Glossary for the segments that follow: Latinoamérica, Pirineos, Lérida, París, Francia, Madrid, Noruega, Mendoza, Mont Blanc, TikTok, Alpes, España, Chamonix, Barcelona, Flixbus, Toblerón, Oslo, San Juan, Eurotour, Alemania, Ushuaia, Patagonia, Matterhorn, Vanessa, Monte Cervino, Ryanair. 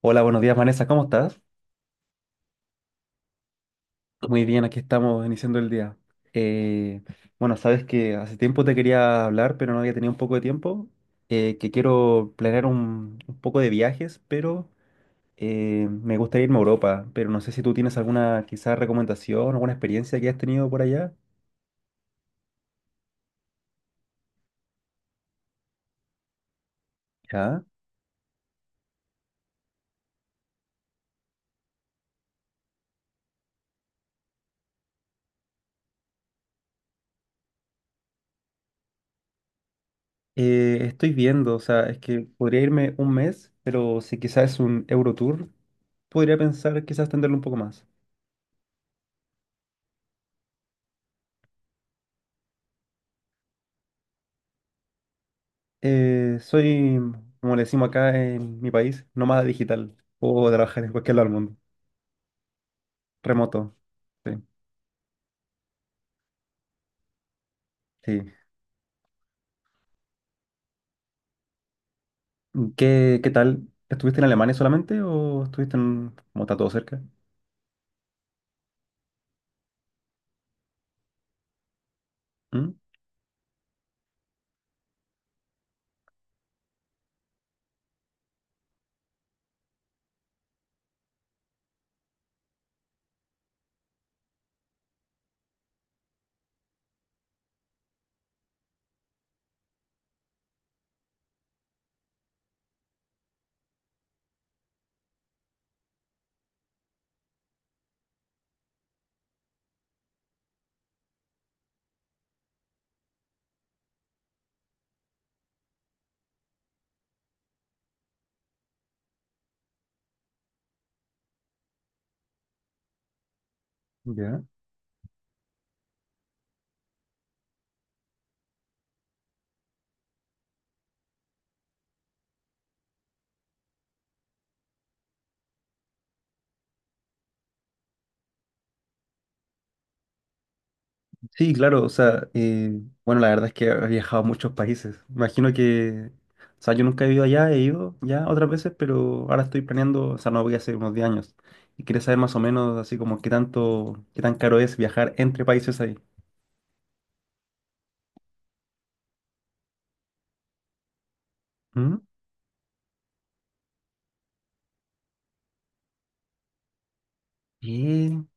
Hola, buenos días, Vanessa, ¿cómo estás? Muy bien, aquí estamos iniciando el día. Eh, bueno, sabes que hace tiempo te quería hablar, pero no había tenido un poco de tiempo. Que quiero planear un poco de viajes, pero me gustaría irme a Europa, pero no sé si tú tienes alguna quizás recomendación, alguna experiencia que has tenido por allá. Ya. Estoy viendo, o sea, es que podría irme un mes, pero si quizás es un Eurotour, podría pensar quizás extenderlo un poco más. Soy, como le decimos acá en mi país, nómada digital. Puedo trabajar en cualquier lado del mundo. Remoto, sí. Sí. ¿Qué, qué tal? ¿Estuviste en Alemania solamente o estuviste en, como está todo cerca? ¿Mm? Ya. Sí, claro, o sea, bueno, la verdad es que he viajado a muchos países. Imagino que, o sea, yo nunca he ido allá, he ido ya otras veces, pero ahora estoy planeando, o sea, no voy a hacer unos 10 años. Y quería saber más o menos así como qué tanto, qué tan caro es viajar entre países ahí. ¿Mm? Bien.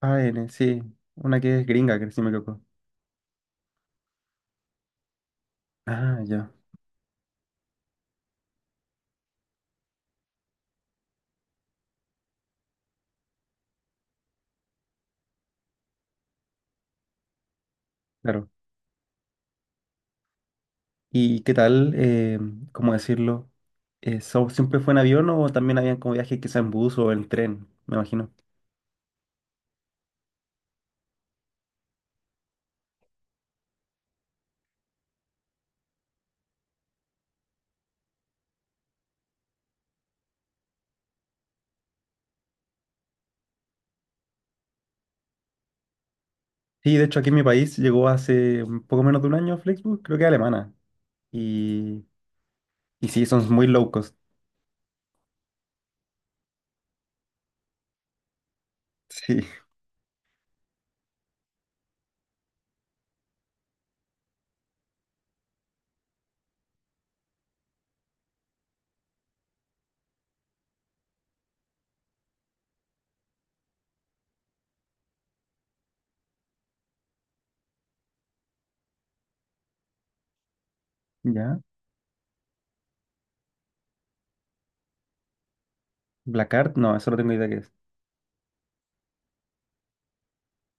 Ah, N, sí, una que es gringa, que sí me equivoco. Ah, ya, claro. ¿Y qué tal, cómo decirlo? ¿Siempre fue en avión o también habían como viajes quizá en bus o en tren? Me imagino. Sí, de hecho aquí en mi país llegó hace un poco menos de un año Flixbus, creo que alemana. Y, y sí, son muy low cost. Sí, ya. Blackart, no, eso no tengo idea qué es.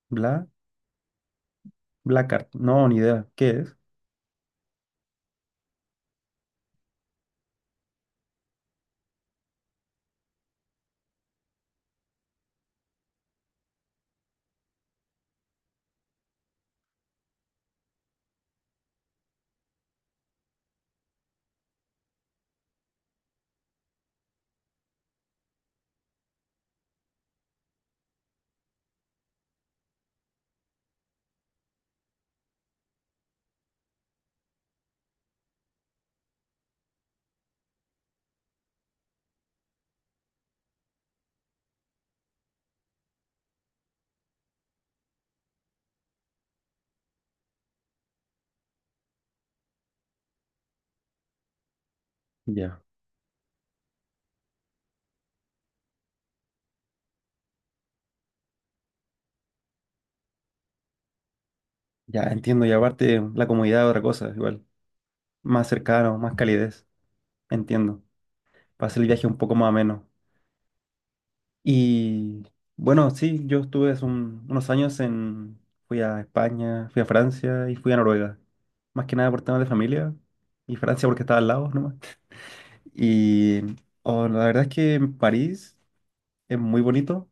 Bla, Blackart, no, ni idea. ¿Qué es? Ya, ya entiendo. Y aparte la comodidad es otra cosa, igual. Más cercano, más calidez. Entiendo. Para hacer el viaje un poco más ameno. Y bueno, sí, yo estuve unos años en, fui a España, fui a Francia y fui a Noruega. Más que nada por temas de familia y Francia porque estaba al lado nomás. Y oh, la verdad es que París es muy bonito,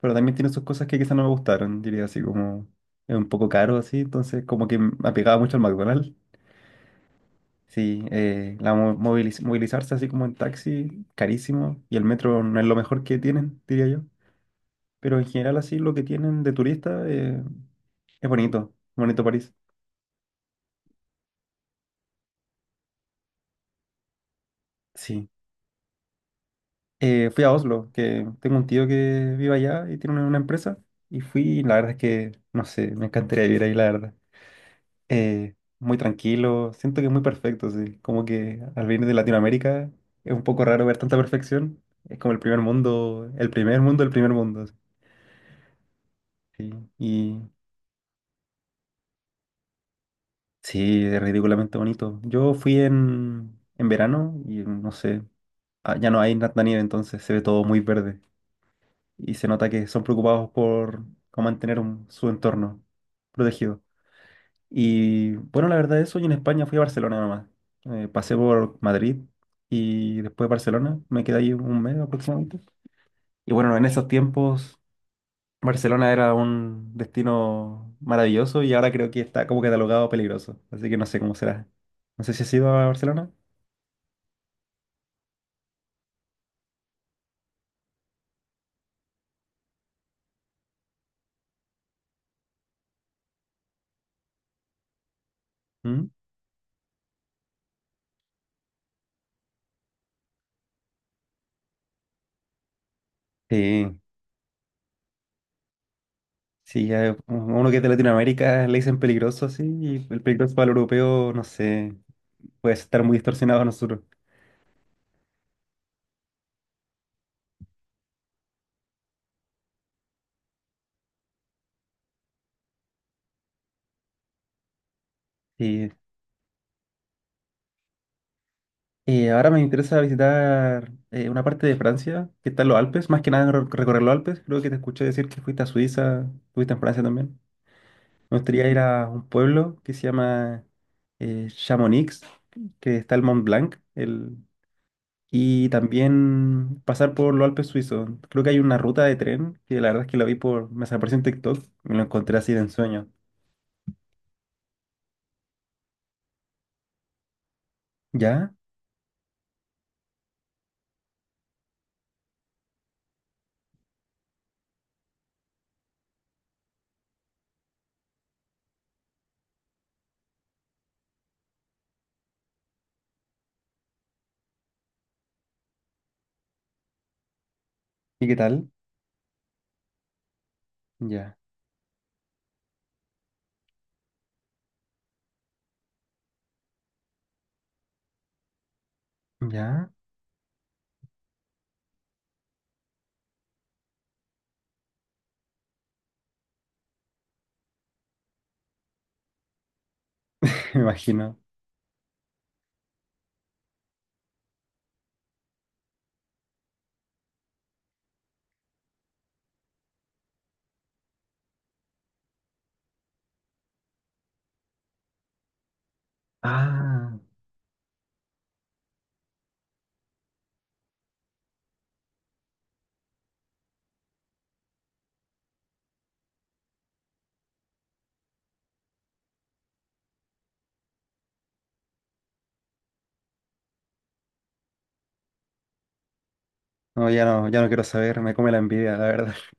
pero también tiene sus cosas que quizás no me gustaron, diría, así como es un poco caro, así, entonces como que me apegaba mucho al McDonald's. Sí, movilizarse así como en taxi, carísimo, y el metro no es lo mejor que tienen, diría yo. Pero en general así lo que tienen de turista, es bonito, bonito París. Sí. Fui a Oslo, que tengo un tío que vive allá y tiene una empresa. Y fui, y la verdad es que, no sé, me encantaría vivir ahí, la verdad. Muy tranquilo, siento que es muy perfecto, sí. Como que al venir de Latinoamérica es un poco raro ver tanta perfección. Es como el primer mundo, el primer mundo, el primer mundo. Así. Sí. Y sí, es ridículamente bonito. Yo fui en verano y no sé, ah, ya no hay tanta nieve, entonces se ve todo muy verde y se nota que son preocupados por cómo mantener su entorno protegido. Y bueno, la verdad es hoy en España fui a Barcelona nomás. Pasé por Madrid y después Barcelona, me quedé ahí un mes aproximadamente. Y bueno, en esos tiempos Barcelona era un destino maravilloso y ahora creo que está como catalogado peligroso, así que no sé cómo será. No sé si has ido a Barcelona. ¿Mm? Sí. Sí, ya uno que es de Latinoamérica le dicen peligroso, sí, y el peligroso para el europeo, no sé, puede estar muy distorsionado a nosotros. Sí. Ahora me interesa visitar una parte de Francia, que está en los Alpes, más que nada recorrer los Alpes. Creo que te escuché decir que fuiste a Suiza, fuiste en Francia también. Me gustaría ir a un pueblo que se llama Chamonix, que está el Mont Blanc, el, y también pasar por los Alpes suizos. Creo que hay una ruta de tren que la verdad es que la vi por, me apareció en TikTok, me lo encontré así de ensueño. ¿Ya? ¿Y qué tal? Ya, ya, me imagino. Ah, no, ya no, ya no quiero saber, me come la envidia, la verdad.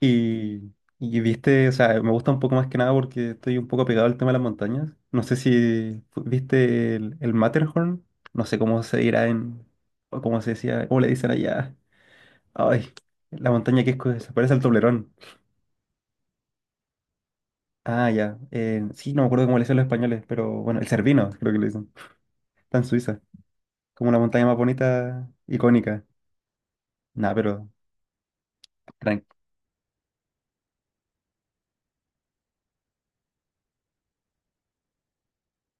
Y, y viste, o sea, me gusta un poco más que nada porque estoy un poco pegado al tema de las montañas. No sé si viste el Matterhorn, no sé cómo se dirá en, o cómo se decía, cómo le dicen allá. Ay, la montaña que es, se parece al Toblerón. Ah, ya. Sí, no me acuerdo cómo le dicen los españoles, pero bueno, el Cervino, creo que le dicen. Está en Suiza. Como la montaña más bonita, icónica. Nah, pero. Tranqui.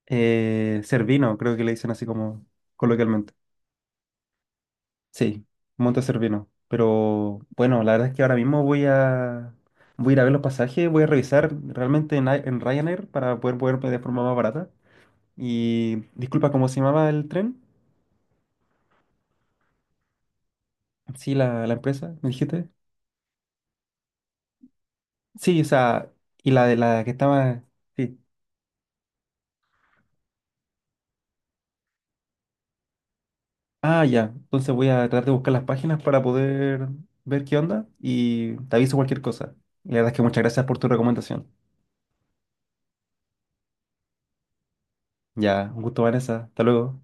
Cervino, creo que le dicen así como coloquialmente. Sí, Monte Cervino. Pero bueno, la verdad es que ahora mismo voy a. Voy a ir a ver los pasajes, voy a revisar realmente en, en Ryanair para poder moverme de forma más barata. Y disculpa, ¿cómo se llamaba el tren? Sí, la empresa, me dijiste. Sí, o sea, y la de la que estaba. Sí. Ah, ya. Entonces voy a tratar de buscar las páginas para poder ver qué onda y te aviso cualquier cosa. Y la verdad es que muchas gracias por tu recomendación. Ya, un gusto, Vanessa. Hasta luego.